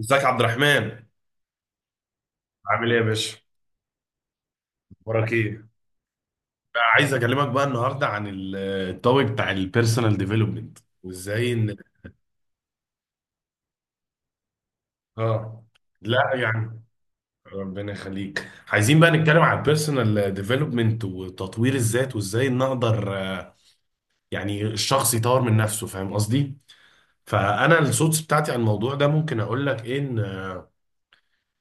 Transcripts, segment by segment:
ازيك يا عبد الرحمن؟ عامل ايه يا باشا؟ وراك ايه؟ بقى عايز اكلمك بقى النهارده عن التوبيك بتاع البيرسونال ديفلوبمنت وازاي ان. اه. لا، يعني ربنا يخليك، عايزين بقى نتكلم عن البيرسونال ديفلوبمنت وتطوير الذات وازاي نقدر، يعني الشخص يطور من نفسه. فاهم قصدي؟ فانا السودس بتاعتي عن الموضوع ده ممكن اقول لك ايه، ان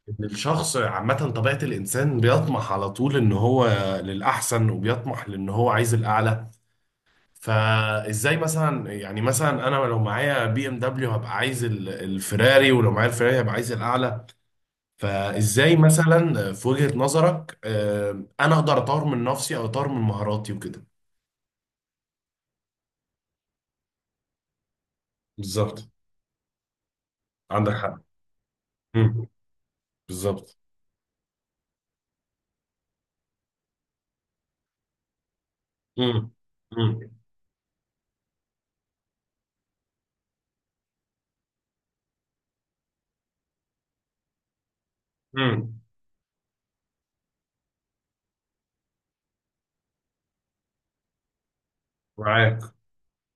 إن الشخص عامه، طبيعه الانسان بيطمح على طول ان هو للاحسن، وبيطمح لان هو عايز الاعلى. فازاي مثلا، يعني مثلا انا لو معايا بي ام دبليو هبقى عايز الفيراري، ولو معايا الفيراري هبقى عايز الاعلى. فازاي مثلا في وجهة نظرك، انا اقدر اطور من نفسي او اطور من مهاراتي وكده؟ بالظبط. عندك حق. مم. بالظبط. مم. مم. مم. معاك.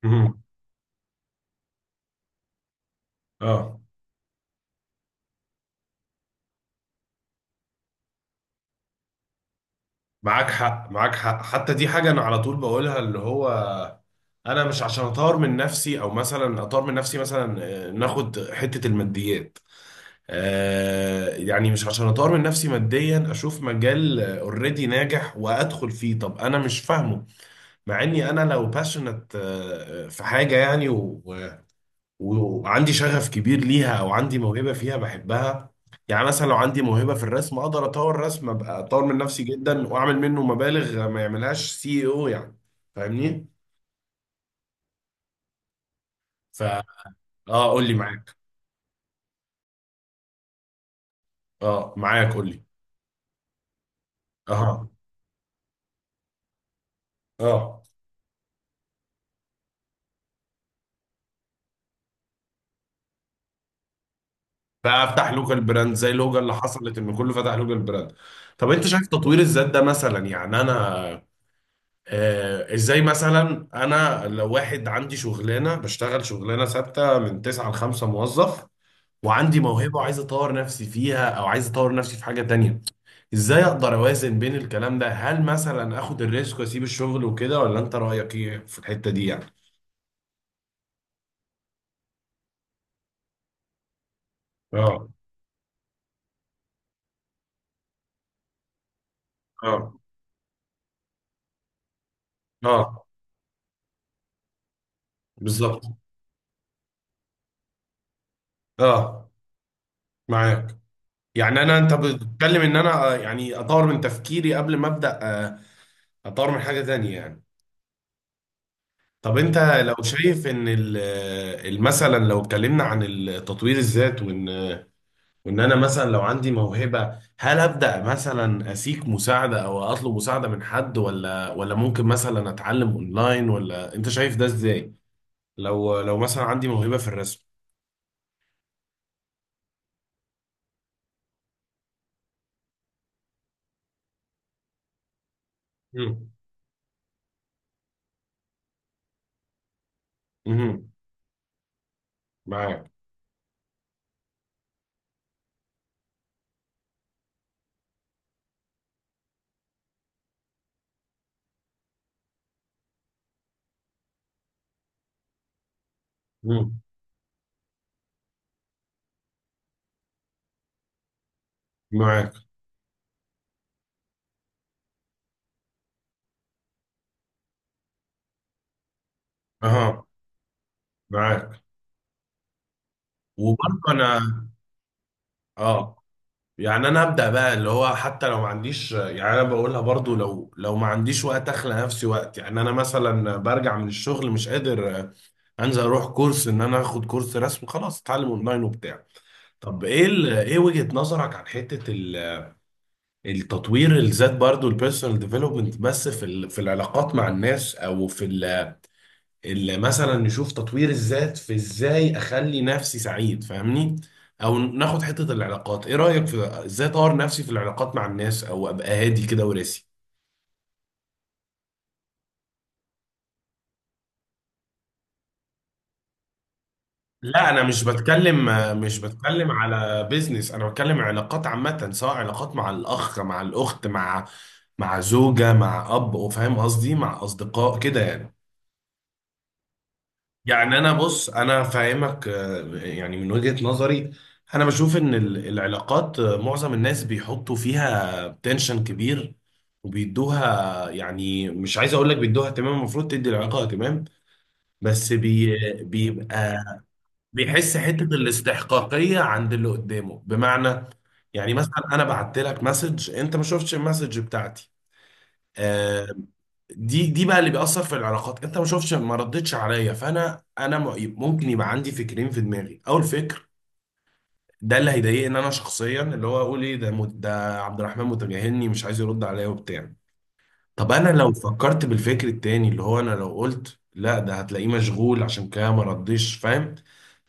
مم. اه. معاك حق، معاك حق، حتى دي حاجة انا على طول بقولها، اللي هو انا مش عشان اطور من نفسي، او مثلا اطور من نفسي مثلا، ناخد حتة الماديات. يعني مش عشان اطور من نفسي ماديا اشوف مجال اوريدي ناجح وادخل فيه. طب انا مش فاهمه، مع اني انا لو باشنت في حاجه، يعني وعندي شغف كبير ليها، او عندي موهبه فيها بحبها. يعني مثلا لو عندي موهبه في الرسم اقدر اطور رسم، ابقى اطور من نفسي جدا واعمل منه مبالغ ما يعملهاش سي او، يعني فاهمني؟ فا اه، قول لي معاك. اه معاك، قول لي. اه. اه. فافتح لوكال براند زي اللوجا اللي حصلت، ان كله فتح لوكال براند. طب انت شايف تطوير الذات ده مثلا، يعني انا ازاي مثلا، انا لو واحد عندي شغلانه، بشتغل شغلانه ثابته من 9 ل 5، موظف وعندي موهبه وعايز اطور نفسي فيها، او عايز اطور نفسي في حاجه تانية، ازاي اقدر اوازن بين الكلام ده؟ هل مثلا اخد الريسك واسيب الشغل وكده، ولا انت رايك ايه في الحته دي يعني؟ اه. اه. اه بالظبط. اه معاك. يعني انا، انت بتتكلم ان انا، يعني اطور من تفكيري قبل ما ابدا، اطور من حاجه تانية يعني. طب انت لو شايف ان مثلا لو اتكلمنا عن التطوير الذات، وان وان انا مثلا لو عندي موهبه، هل ابدا مثلا اسيك مساعده او اطلب مساعده من حد، ولا ممكن مثلا اتعلم اونلاين، ولا انت شايف ده ازاي؟ لو مثلا عندي موهبه في الرسم. مم. مم. معاك. مم. معاك. اها. معاك. وبرضه انا، اه، يعني انا ابدا بقى، اللي هو حتى لو ما عنديش، يعني انا بقولها برضو، لو ما عنديش وقت اخلق نفسي وقت. يعني انا مثلا برجع من الشغل مش قادر انزل اروح كورس، ان انا اخد كورس رسم، خلاص اتعلم اونلاين وبتاع. طب ايه ايه وجهة نظرك عن حتة التطوير الذات برضو، البيرسونال ديفلوبمنت، بس في في العلاقات مع الناس، او في اللي مثلا نشوف تطوير الذات في ازاي اخلي نفسي سعيد، فاهمني؟ او ناخد حتة العلاقات، ايه رأيك في ازاي اطور نفسي في العلاقات مع الناس، او ابقى هادي كده وراسي؟ لا، انا مش بتكلم، مش بتكلم على بيزنس، انا بتكلم علاقات عامة، سواء علاقات مع الاخ، مع الاخت، مع زوجة، مع اب، فاهم قصدي؟ مع اصدقاء كده يعني. يعني انا بص، انا فاهمك، يعني من وجهة نظري انا بشوف ان العلاقات، معظم الناس بيحطوا فيها تنشن كبير، وبيدوها يعني مش عايز اقول لك، بيدوها اهتمام، المفروض تدي العلاقة اهتمام، بس بيبقى بيحس حتة الاستحقاقية عند اللي قدامه. بمعنى، يعني مثلا انا بعت لك مسج، انت ما شفتش المسج بتاعتي، آه، دي بقى اللي بيأثر في العلاقات. انت ما شفتش ما ردتش عليا، فانا ممكن يبقى عندي فكرين في دماغي. اول فكر ده اللي هيضايقني انا شخصيا، اللي هو اقول ايه ده، ده عبد الرحمن متجاهلني مش عايز يرد عليا وبتاع. طب انا لو فكرت بالفكر التاني، اللي هو انا لو قلت لا ده هتلاقيه مشغول عشان كده ما ردش، فاهم؟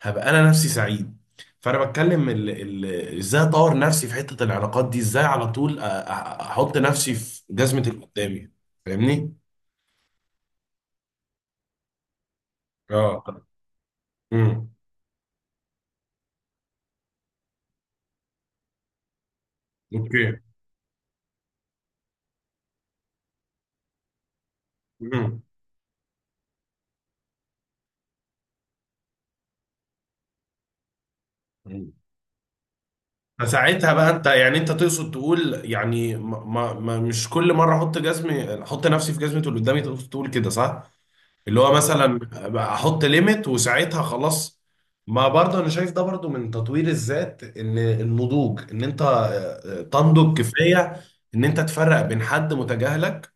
هبقى انا نفسي سعيد. فانا بتكلم ازاي اطور نفسي في حتة العلاقات دي، ازاي على طول احط نفسي في جزمة اللي قدامي. فاهمني؟ اه. امم. اوكي. امم. أمم. فساعتها بقى انت، يعني انت تقصد تقول يعني مش كل مره احط جزمه، احط نفسي في جزمه اللي قدامي، تقصد تقول كده صح؟ اللي هو مثلا بقى، احط ليميت وساعتها خلاص، ما برضه انا شايف ده برضه من تطوير الذات، ان النضوج، ان انت، تنضج كفايه، ان انت تفرق بين حد متجاهلك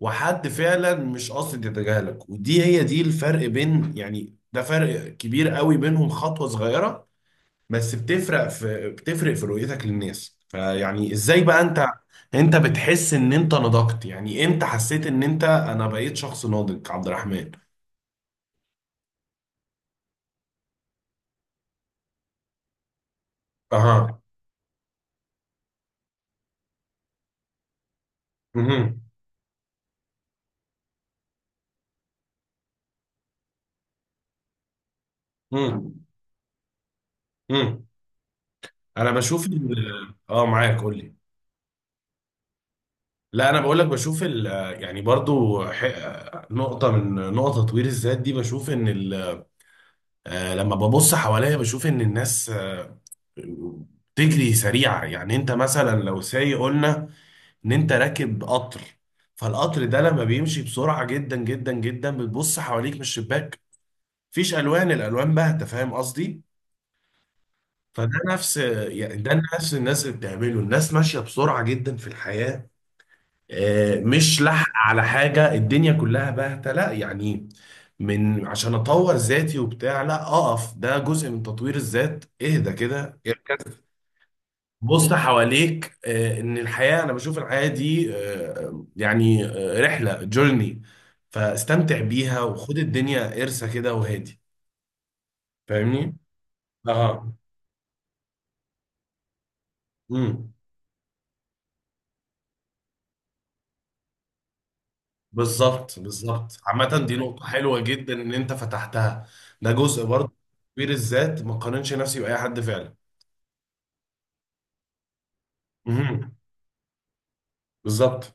وحد فعلا مش قاصد يتجاهلك، ودي هي دي الفرق بين، يعني ده فرق كبير قوي بينهم، خطوة صغيرة بس بتفرق في رؤيتك للناس. فيعني ازاي بقى انت بتحس ان انت نضجت؟ يعني امتى حسيت ان انا بقيت شخص ناضج عبد الرحمن؟ اها. مهم. مم. مم. انا بشوف اه، معاك، قول لي. لا، انا بقول لك، بشوف يعني برضو نقطة من نقطة تطوير الذات دي، بشوف ان لما ببص حواليا بشوف ان الناس، بتجري سريعة. يعني انت مثلا لو سايق، قلنا ان انت راكب قطر، فالقطر ده لما بيمشي بسرعة جدا جدا جدا، بتبص حواليك من الشباك مفيش الوان، الالوان باهتة، فاهم قصدي؟ فده نفس، يعني ده نفس الناس اللي بتعمله، الناس ماشية بسرعة جدا في الحياة، مش لحق على حاجة، الدنيا كلها باهتة، لا يعني، من عشان اطور ذاتي وبتاع، لا، اقف، ده جزء من تطوير الذات، اهدى كده، اركز، بص حواليك، ان الحياة، انا بشوف الحياة دي، يعني، رحلة جورني، فاستمتع بيها، وخد الدنيا قرصة كده، وهادي. فاهمني؟ اه. امم. بالظبط. بالظبط. عامة دي نقطة حلوة جدا ان انت فتحتها، ده جزء برضه من تطوير الذات، ما قارنش نفسي بأي حد فعلا. مهم. بالظبط.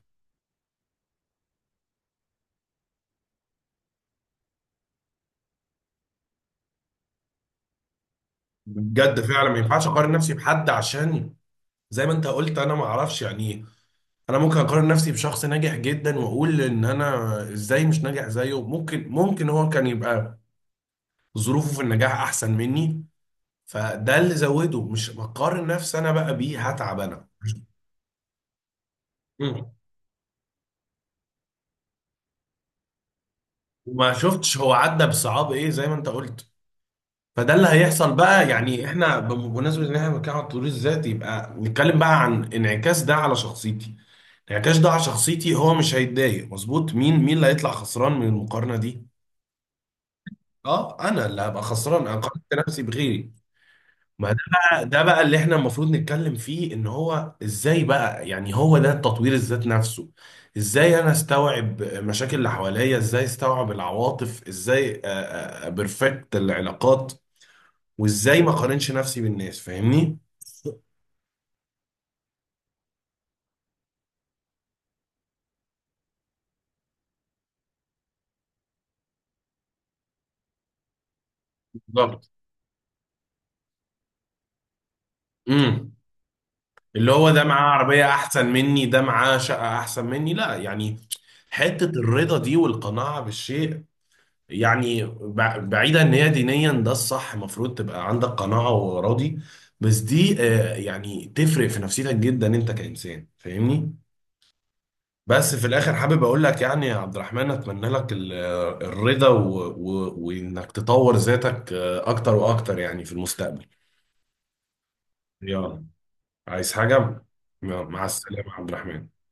بجد فعلا ما ينفعش اقارن نفسي بحد، عشان زي ما انت قلت، انا ما اعرفش يعني إيه. انا ممكن اقارن نفسي بشخص ناجح جدا واقول ان انا ازاي مش ناجح زيه. ممكن هو كان يبقى ظروفه في النجاح احسن مني، فده اللي زوده، مش بقارن نفسي انا بقى بيه هتعب انا. مم. وما شفتش هو عدى بصعاب ايه، زي ما انت قلت. فده اللي هيحصل بقى، يعني احنا بمناسبة ان احنا بنتكلم عن التطوير الذاتي، يبقى نتكلم بقى عن انعكاس ده على شخصيتي. انعكاس ده على شخصيتي، هو مش هيتضايق مظبوط. مين مين اللي هيطلع خسران من المقارنه دي؟ اه، انا اللي هبقى خسران، انا قارنت نفسي بغيري. ما ده بقى اللي احنا المفروض نتكلم فيه، ان هو ازاي بقى، يعني هو ده تطوير الذات نفسه. ازاي انا استوعب مشاكل اللي حواليا، ازاي استوعب العواطف، ازاي بيرفكت العلاقات، وازاي ما اقارنش نفسي بالناس. فاهمني؟ بالظبط. اللي هو ده معاه عربية أحسن مني، ده معاه شقة أحسن مني، لا يعني. حتة الرضا دي والقناعة بالشيء، يعني بعيدا، إن هي دينيا ده الصح، المفروض تبقى عندك قناعة وراضي. بس دي، يعني تفرق في نفسيتك جدا أنت كإنسان، فاهمني؟ بس في الآخر حابب أقول لك، يعني يا عبد الرحمن، أتمنى لك الرضا وإنك تطور ذاتك، أكتر وأكتر، يعني في المستقبل. يلا، عايز حاجة؟ مع السلامة يا عبد الرحمن.